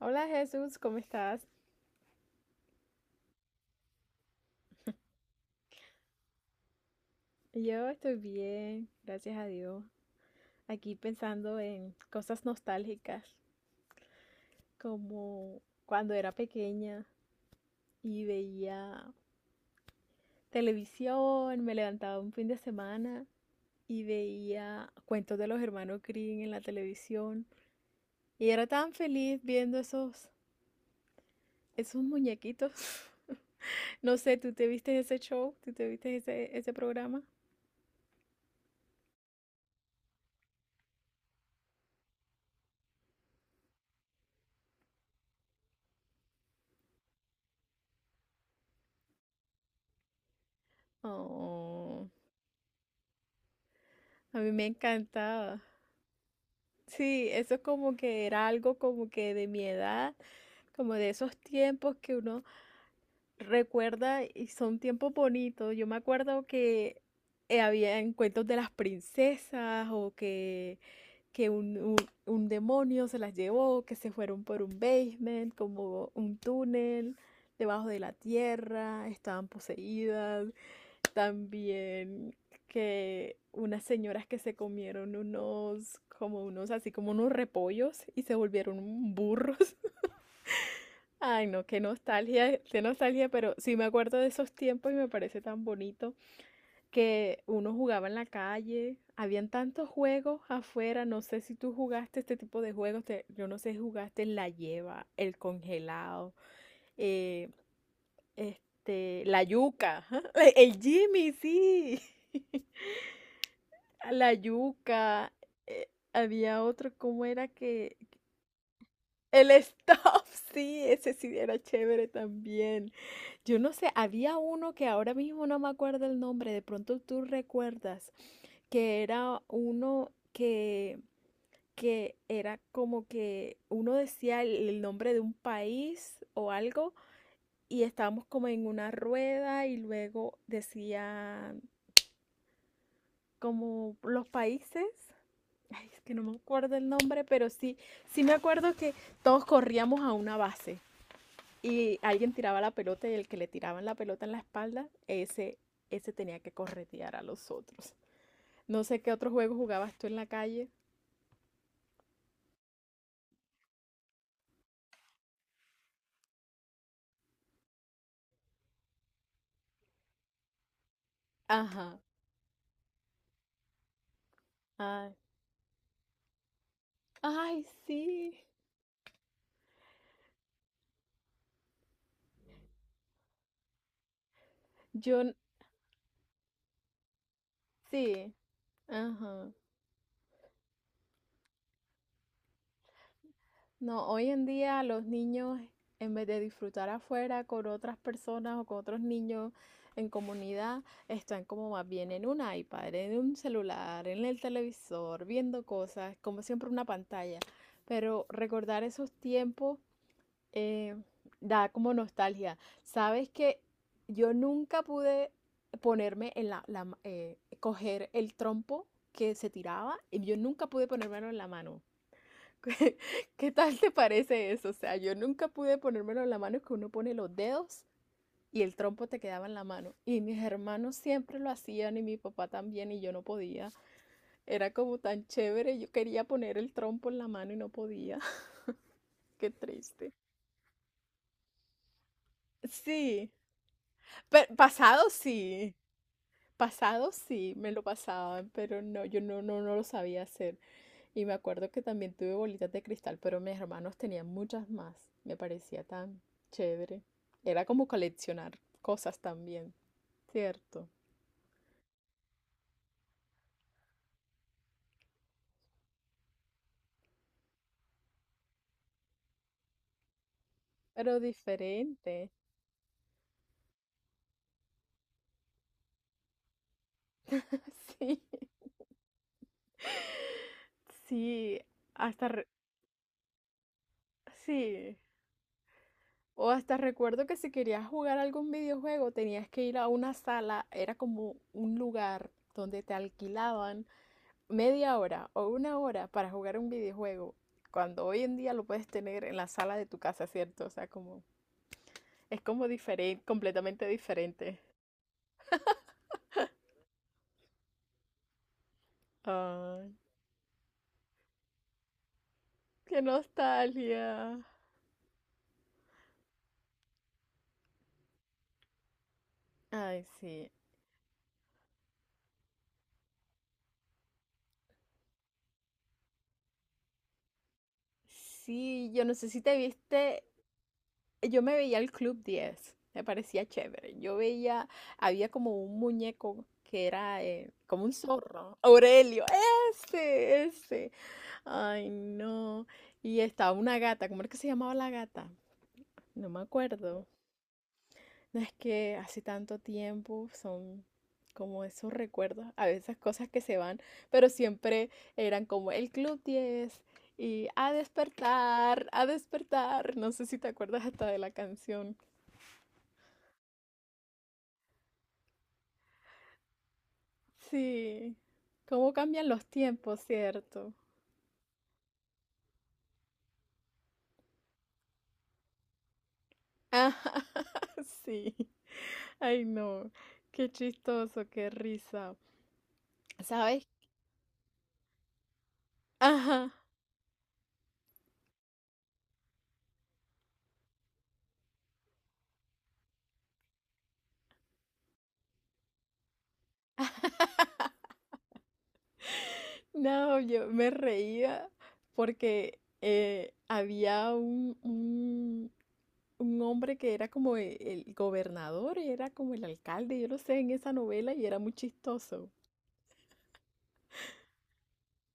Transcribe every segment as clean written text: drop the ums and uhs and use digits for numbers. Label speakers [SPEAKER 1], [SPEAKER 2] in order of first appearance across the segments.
[SPEAKER 1] Hola Jesús, ¿cómo estás? Yo estoy bien, gracias a Dios. Aquí pensando en cosas nostálgicas, como cuando era pequeña y veía televisión, me levantaba un fin de semana y veía cuentos de los hermanos Grimm en la televisión y era tan feliz viendo esos muñequitos. No sé, ¿tú te viste ese show? ¿Tú te viste ese programa? Oh, a mí me encantaba. Sí, eso como que era algo como que de mi edad, como de esos tiempos que uno recuerda y son tiempos bonitos. Yo me acuerdo que había cuentos de las princesas o que un demonio se las llevó, que se fueron por un basement, como un túnel debajo de la tierra, estaban poseídas. También que unas señoras que se comieron unos, como unos, así como unos repollos y se volvieron burros. Ay, no, qué nostalgia, pero sí me acuerdo de esos tiempos y me parece tan bonito que uno jugaba en la calle, habían tantos juegos afuera, no sé si tú jugaste este tipo de juegos, yo no sé si jugaste la lleva, el congelado, eh, este, la yuca, el Jimmy, sí. La yuca, había otro, ¿cómo era que? El stop, sí, ese sí era chévere también. Yo no sé, había uno que ahora mismo no me acuerdo el nombre, de pronto tú recuerdas, que era uno que era como que uno decía el nombre de un país o algo y estábamos como en una rueda y luego decía como los países. Ay, es que no me acuerdo el nombre, pero sí, sí me acuerdo que todos corríamos a una base y alguien tiraba la pelota y el que le tiraban la pelota en la espalda, ese tenía que corretear a los otros. No sé qué otro juego jugabas tú en la calle. Ajá. Ay, ay, sí. Yo, n- sí. Ajá. No, hoy en día los niños, en vez de disfrutar afuera con otras personas o con otros niños en comunidad, están como más bien en un iPad, en un celular, en el televisor, viendo cosas, como siempre una pantalla. Pero recordar esos tiempos eh, da como nostalgia. Sabes que yo nunca pude ponerme en la coger el trompo que se tiraba y yo nunca pude ponérmelo en la mano. ¿Qué qué tal te parece eso? O sea, yo nunca pude ponérmelo en la mano, que uno pone los dedos y el trompo te quedaba en la mano. Y mis hermanos siempre lo hacían y mi papá también y yo no podía. Era como tan chévere, yo quería poner el trompo en la mano y no podía. Qué triste. Sí, pero pasado sí, me lo pasaban, pero no, yo no, no, no lo sabía hacer. Y me acuerdo que también tuve bolitas de cristal, pero mis hermanos tenían muchas más. Me parecía tan chévere. Era como coleccionar cosas también, ¿cierto? Pero diferente. Sí, sí, hasta re- sí. O hasta recuerdo que si querías jugar algún videojuego tenías que ir a una sala, era como un lugar donde te alquilaban media hora o una hora para jugar un videojuego, cuando hoy en día lo puedes tener en la sala de tu casa, ¿cierto? O sea, como es como diferente, completamente diferente. Ay, qué nostalgia. Ay, sí. Sí, yo no sé si te viste, yo me veía el Club diez me parecía chévere. Yo veía, había como un muñeco que era como un zorro. Aurelio, ese, ese. Ay, no. Y estaba una gata, ¿cómo era que se llamaba la gata? No me acuerdo. No es que hace tanto tiempo son como esos recuerdos, a veces cosas que se van, pero siempre eran como el Club diez y a despertar, a despertar. No sé si te acuerdas hasta de la canción. Sí, cómo cambian los tiempos, ¿cierto? Ah, sí. Ay, no. Qué chistoso, qué risa. ¿Sabes? Ajá. No, yo me reía porque un hombre que era como el gobernador, era como el alcalde, yo lo sé, en esa novela y era muy chistoso.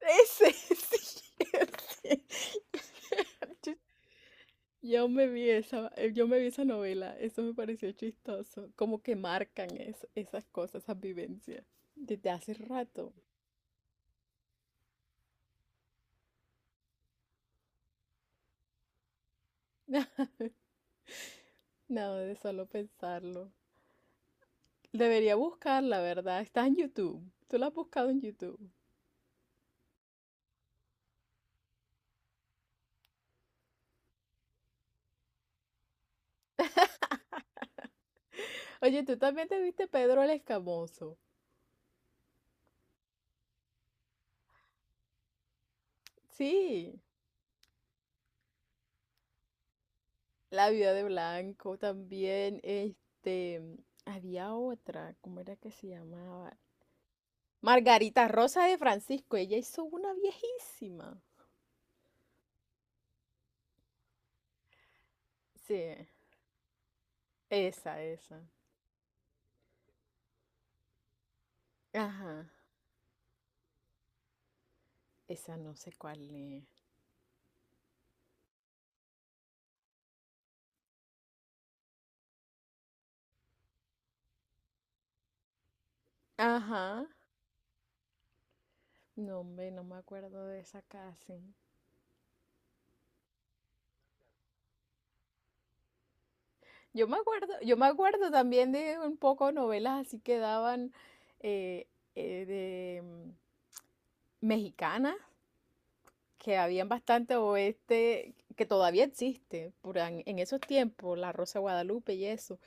[SPEAKER 1] Ese, sí, ese. Yo yo me vi esa, yo me vi esa novela, eso me pareció chistoso, como que marcan esas cosas, esas vivencias, desde hace rato. No, de solo pensarlo. Debería buscar, la verdad. Está en YouTube. Tú la has buscado en YouTube. Oye, tú también te viste Pedro el Escamoso. Sí, La vida de Blanco también. Este, había otra, ¿cómo era que se llamaba? Margarita Rosa de Francisco. Ella hizo una viejísima. Sí, esa, esa. Ajá, esa no sé cuál es. Ajá. No, hombre, no me acuerdo de esa casi. Yo me acuerdo también de un poco novelas así que daban eh, eh, de mm, mexicanas que habían bastante oeste, que todavía existe, esos tiempos, La Rosa de Guadalupe y eso.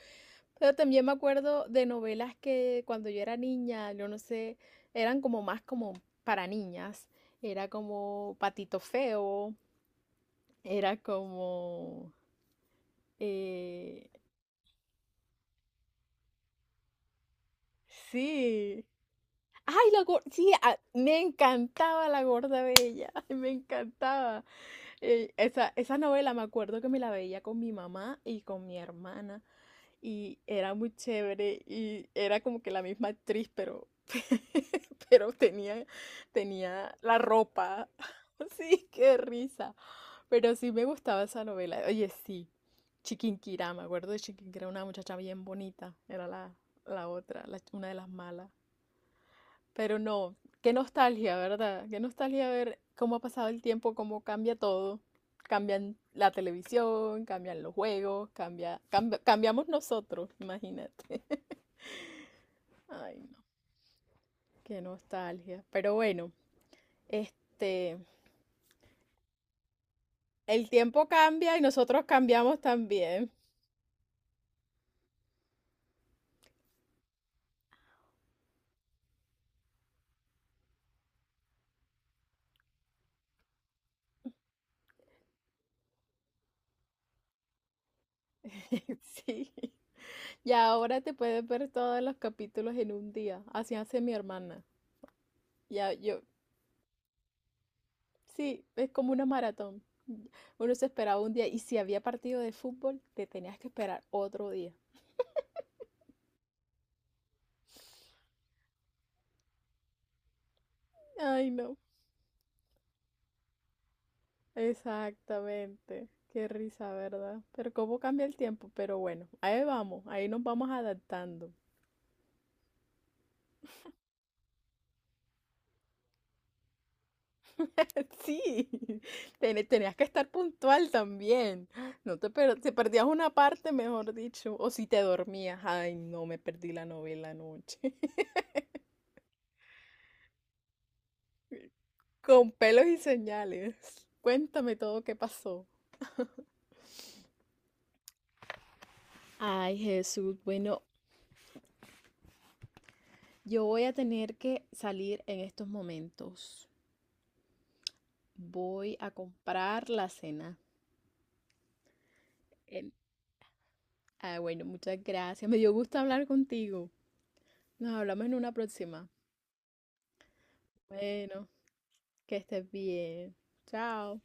[SPEAKER 1] Pero también me acuerdo de novelas que cuando yo era niña, yo no sé, eran como más como para niñas. Era como Patito Feo, era como... eh, sí, Ay, la gorda, sí, me encantaba la gorda bella, me encantaba. Esa, esa novela me acuerdo que me la veía con mi mamá y con mi hermana y era muy chévere y era como que la misma actriz, pero, pero tenía, tenía la ropa. Sí, qué risa. Pero sí me gustaba esa novela. Oye, sí, Chiquinquirá, me acuerdo de Chiquinquirá, una muchacha bien bonita, era la, la otra, una de las malas. Pero no, qué nostalgia, ¿verdad? Qué nostalgia ver cómo ha pasado el tiempo, cómo cambia todo. Cambian la televisión, cambian los juegos, cambiamos nosotros, imagínate. Ay, no, qué nostalgia. Pero bueno, este, el tiempo cambia y nosotros cambiamos también. Sí. Y ahora te puedes ver todos los capítulos en un día. Así hace mi hermana. Ya, yo, sí, es como una maratón. Uno se esperaba un día y si había partido de fútbol, te tenías que esperar otro día. Ay, no. Exactamente. Qué risa, ¿verdad? Pero cómo cambia el tiempo. Pero bueno, ahí vamos, ahí nos vamos adaptando. Sí, tenías que estar puntual también. No te, per- te perdías una parte, mejor dicho, o si te dormías. Ay, no, me perdí la novela anoche. Con pelos y señales. Cuéntame todo qué pasó. Ay, Jesús, bueno, yo voy a tener que salir en estos momentos. Voy a comprar la cena. Em, ah, bueno, muchas gracias. Me dio gusto hablar contigo. Nos hablamos en una próxima. Bueno, que estés bien. Chao.